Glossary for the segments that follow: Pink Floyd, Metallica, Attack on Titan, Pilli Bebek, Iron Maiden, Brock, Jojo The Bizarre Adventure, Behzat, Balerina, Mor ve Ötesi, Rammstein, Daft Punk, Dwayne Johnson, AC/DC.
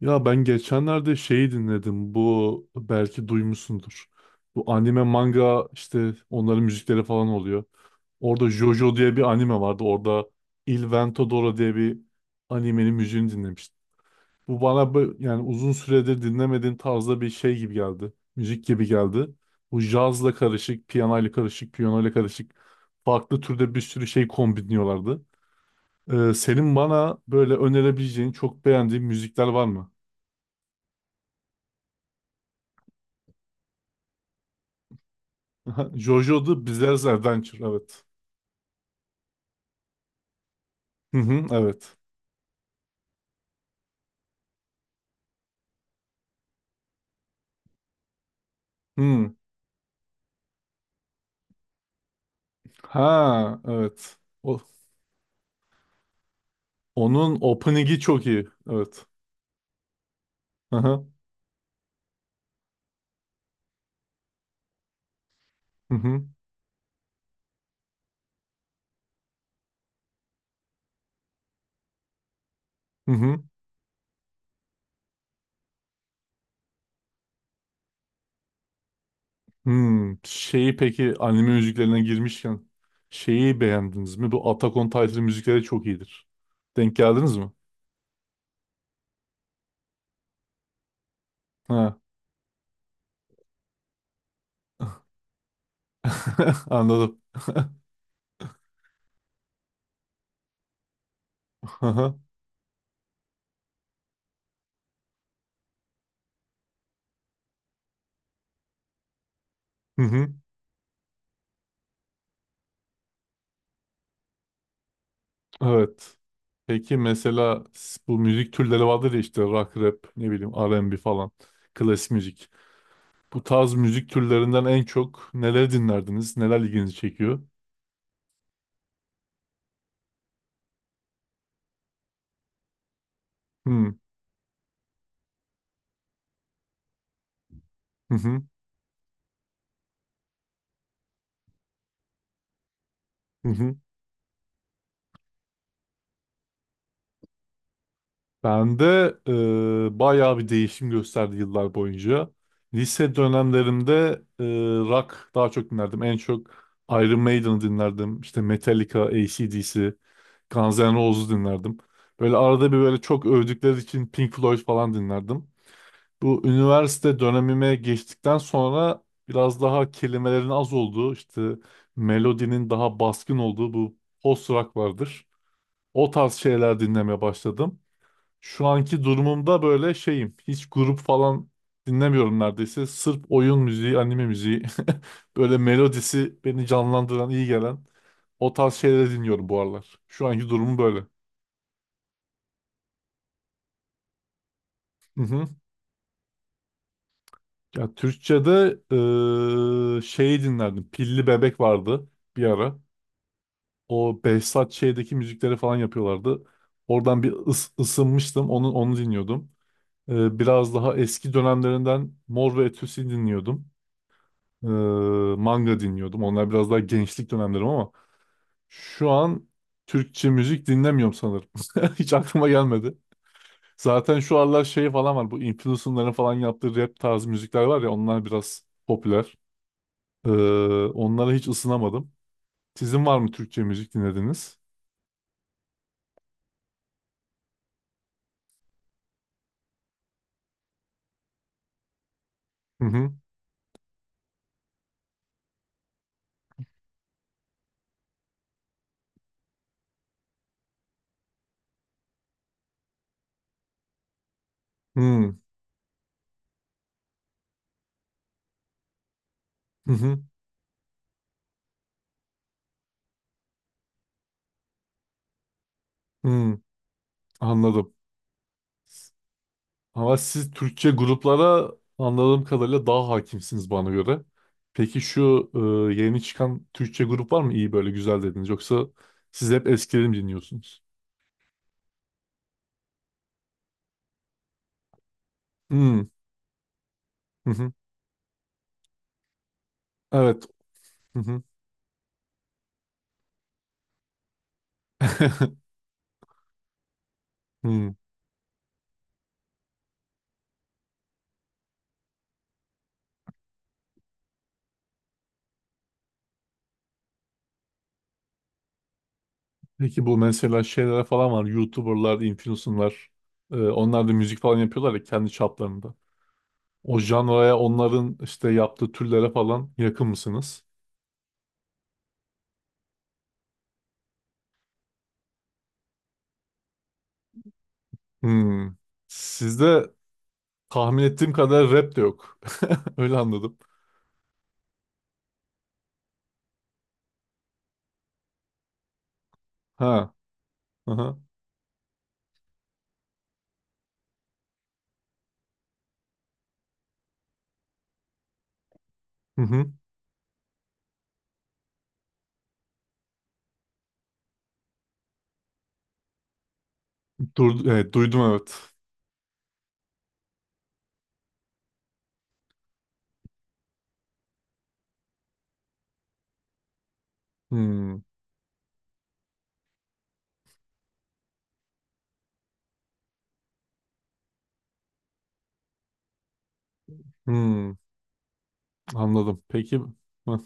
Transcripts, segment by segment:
Ya ben geçenlerde şeyi dinledim. Bu belki duymuşsundur. Bu anime manga işte onların müzikleri falan oluyor. Orada JoJo diye bir anime vardı. Orada Il Vento diye bir animenin müziğini dinlemiştim. Bu bana yani uzun süredir dinlemediğim tarzda bir şey gibi geldi. Müzik gibi geldi. Bu cazla karışık, piyanoyla karışık, piyanoyla karışık, farklı türde bir sürü şey kombinliyorlardı. Senin bana böyle önerebileceğin çok beğendiğin müzikler var mı? Aha, Jojo The Bizarre Adventure evet. Hı hı, evet. Hı. Ha evet. O, Onun opening'i çok iyi. Evet. Hı hı. Hı hı. Hı hı. Şeyi peki anime müziklerine girmişken şeyi beğendiniz mi? Bu Attack on Titan müzikleri çok iyidir. Denk geldiniz mi? Ha. Anladım. Hı hı. Hı. Evet. Peki mesela bu müzik türleri vardır ya işte rock, rap, ne bileyim R&B falan. Klasik müzik. Bu tarz müzik türlerinden en çok neler dinlerdiniz? Neler ilginizi çekiyor? Hmm. Hı hı. Hı hı. Ben de bayağı bir değişim gösterdi yıllar boyunca. Lise dönemlerimde e, rock daha çok dinlerdim. En çok Iron Maiden'ı dinlerdim. İşte Metallica, AC/DC, Guns N' Roses'u dinlerdim. Böyle arada bir böyle çok övdükleri için Pink Floyd falan dinlerdim. Bu üniversite dönemime geçtikten sonra biraz daha kelimelerin az olduğu, işte melodinin daha baskın olduğu bu post rock vardır. O tarz şeyler dinlemeye başladım. Şu anki durumumda böyle şeyim. Hiç grup falan dinlemiyorum neredeyse. Sırf oyun müziği, anime müziği, böyle melodisi beni canlandıran, iyi gelen o tarz şeyleri dinliyorum bu aralar. Şu anki durumum böyle. Hı hı. Ya Türkçe'de şeyi dinlerdim. Pilli Bebek vardı bir ara. O Behzat şeydeki müzikleri falan yapıyorlardı. Oradan bir ısınmıştım. Onu dinliyordum. Biraz daha eski dönemlerinden Mor ve Ötesi dinliyordum. Eee, Manga dinliyordum. Onlar biraz daha gençlik dönemlerim ama şu an Türkçe müzik dinlemiyorum sanırım. Hiç aklıma gelmedi. Zaten şu aralar şey falan var. Bu influencer'ların falan yaptığı rap tarzı müzikler var ya onlar biraz popüler. Ee, Onlara hiç ısınamadım. Sizin var mı Türkçe müzik dinlediniz? Hı hı. Hı hı. Hı, hı. Anladım. Ama siz Türkçe gruplara anladığım kadarıyla daha hakimsiniz bana göre. Peki şu yeni çıkan Türkçe grup var mı? İyi böyle güzel dediniz. Yoksa siz hep eskileri mi dinliyorsunuz? Hı hı. Hı. Evet. Hı hı. Hı. Peki bu mesela şeylere falan var. YouTuber'lar, influencer'lar. Onlar da müzik falan yapıyorlar ya kendi çaplarında. O janraya onların işte yaptığı türlere falan yakın mısınız? Hmm. Sizde tahmin ettiğim kadar rap de yok. Öyle anladım. Ha. Aha. Hı hı. Dur, evet, duydum evet. Hmm. Hmm. Anladım. Peki hı.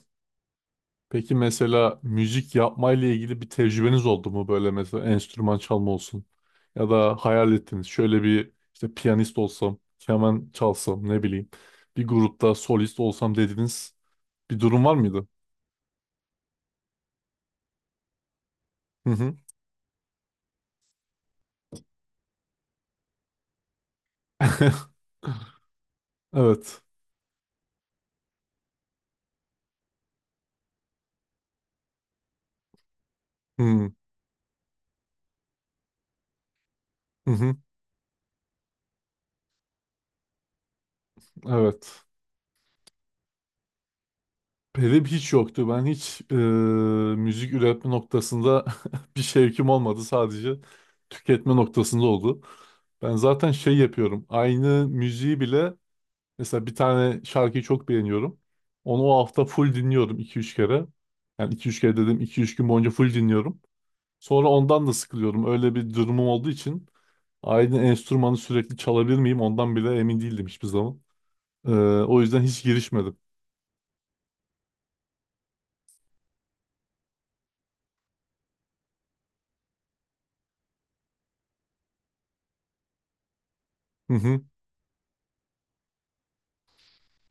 Peki mesela müzik yapmayla ilgili bir tecrübeniz oldu mu böyle mesela enstrüman çalma olsun ya da hayal ettiniz şöyle bir işte piyanist olsam, keman çalsam ne bileyim bir grupta solist olsam dediğiniz bir durum var mıydı? Hı hı. Evet. Hı hı. Hı. Evet. Benim hiç yoktu. Ben hiç müzik üretme noktasında bir şevkim olmadı. Sadece tüketme noktasında oldu. Ben zaten şey yapıyorum. Aynı müziği bile mesela bir tane şarkıyı çok beğeniyorum. Onu o hafta full dinliyorum iki üç kere. Yani iki üç kere dedim iki üç gün boyunca full dinliyorum. Sonra ondan da sıkılıyorum. Öyle bir durumum olduğu için aynı enstrümanı sürekli çalabilir miyim ondan bile emin değildim hiçbir zaman. Ee, O yüzden hiç girişmedim. Hı hı.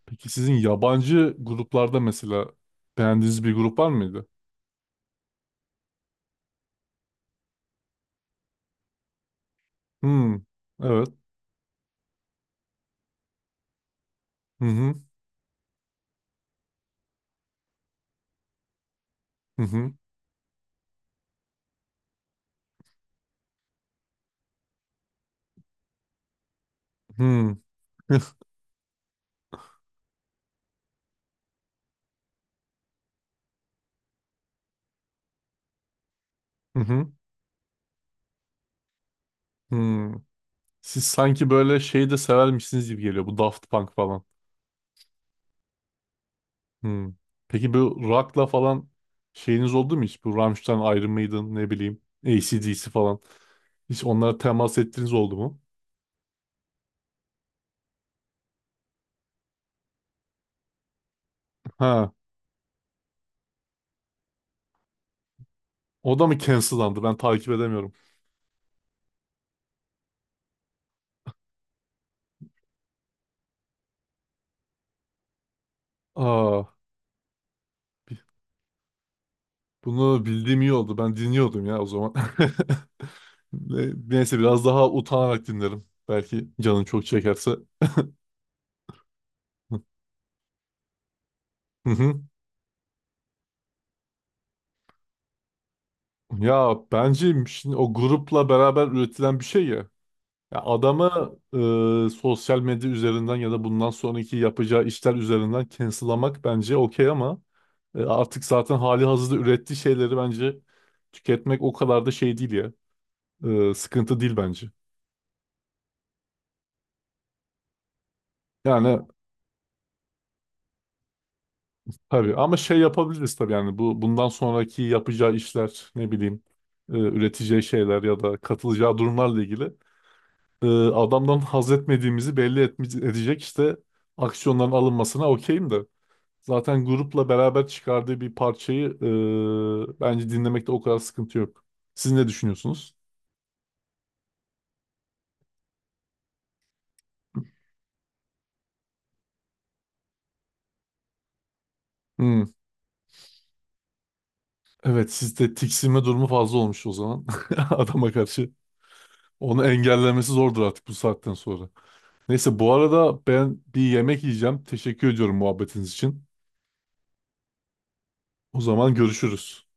Peki sizin yabancı gruplarda mesela beğendiğiniz bir grup var mıydı? Hmm. Evet. Hı hı. Hı hı. Hı. Hı hı. Hı. Siz sanki böyle şeyi de severmişsiniz gibi geliyor. Bu Daft Punk falan. Hı. Peki bu rock'la falan şeyiniz oldu mu hiç? Bu Rammstein, Iron Maiden ne bileyim AC/DC falan. Hiç onlara temas ettiğiniz oldu mu? Ha. O da mı cancellandı? Ben takip edemiyorum. Aa. Bunu bildiğim iyi oldu. Ben dinliyordum ya o zaman. Neyse biraz daha utanarak dinlerim. Belki canın çok çekerse. Hı hı. Ya bence şimdi o grupla beraber üretilen bir şey ya. Ya adamı sosyal medya üzerinden ya da bundan sonraki yapacağı işler üzerinden cancel'lamak bence okey ama artık zaten hali hazırda ürettiği şeyleri bence tüketmek o kadar da şey değil ya. Sıkıntı değil bence. Yani tabii ama şey yapabiliriz tabii yani bu bundan sonraki yapacağı işler ne bileyim üreteceği şeyler ya da katılacağı durumlarla ilgili adamdan haz etmediğimizi belli edecek işte aksiyonların alınmasına okeyim de zaten grupla beraber çıkardığı bir parçayı bence dinlemekte o kadar sıkıntı yok. Siz ne düşünüyorsunuz? Hmm, evet sizde tiksinme durumu fazla olmuş o zaman adama karşı. Onu engellemesi zordur artık bu saatten sonra. Neyse bu arada ben bir yemek yiyeceğim. Teşekkür ediyorum muhabbetiniz için. O zaman görüşürüz.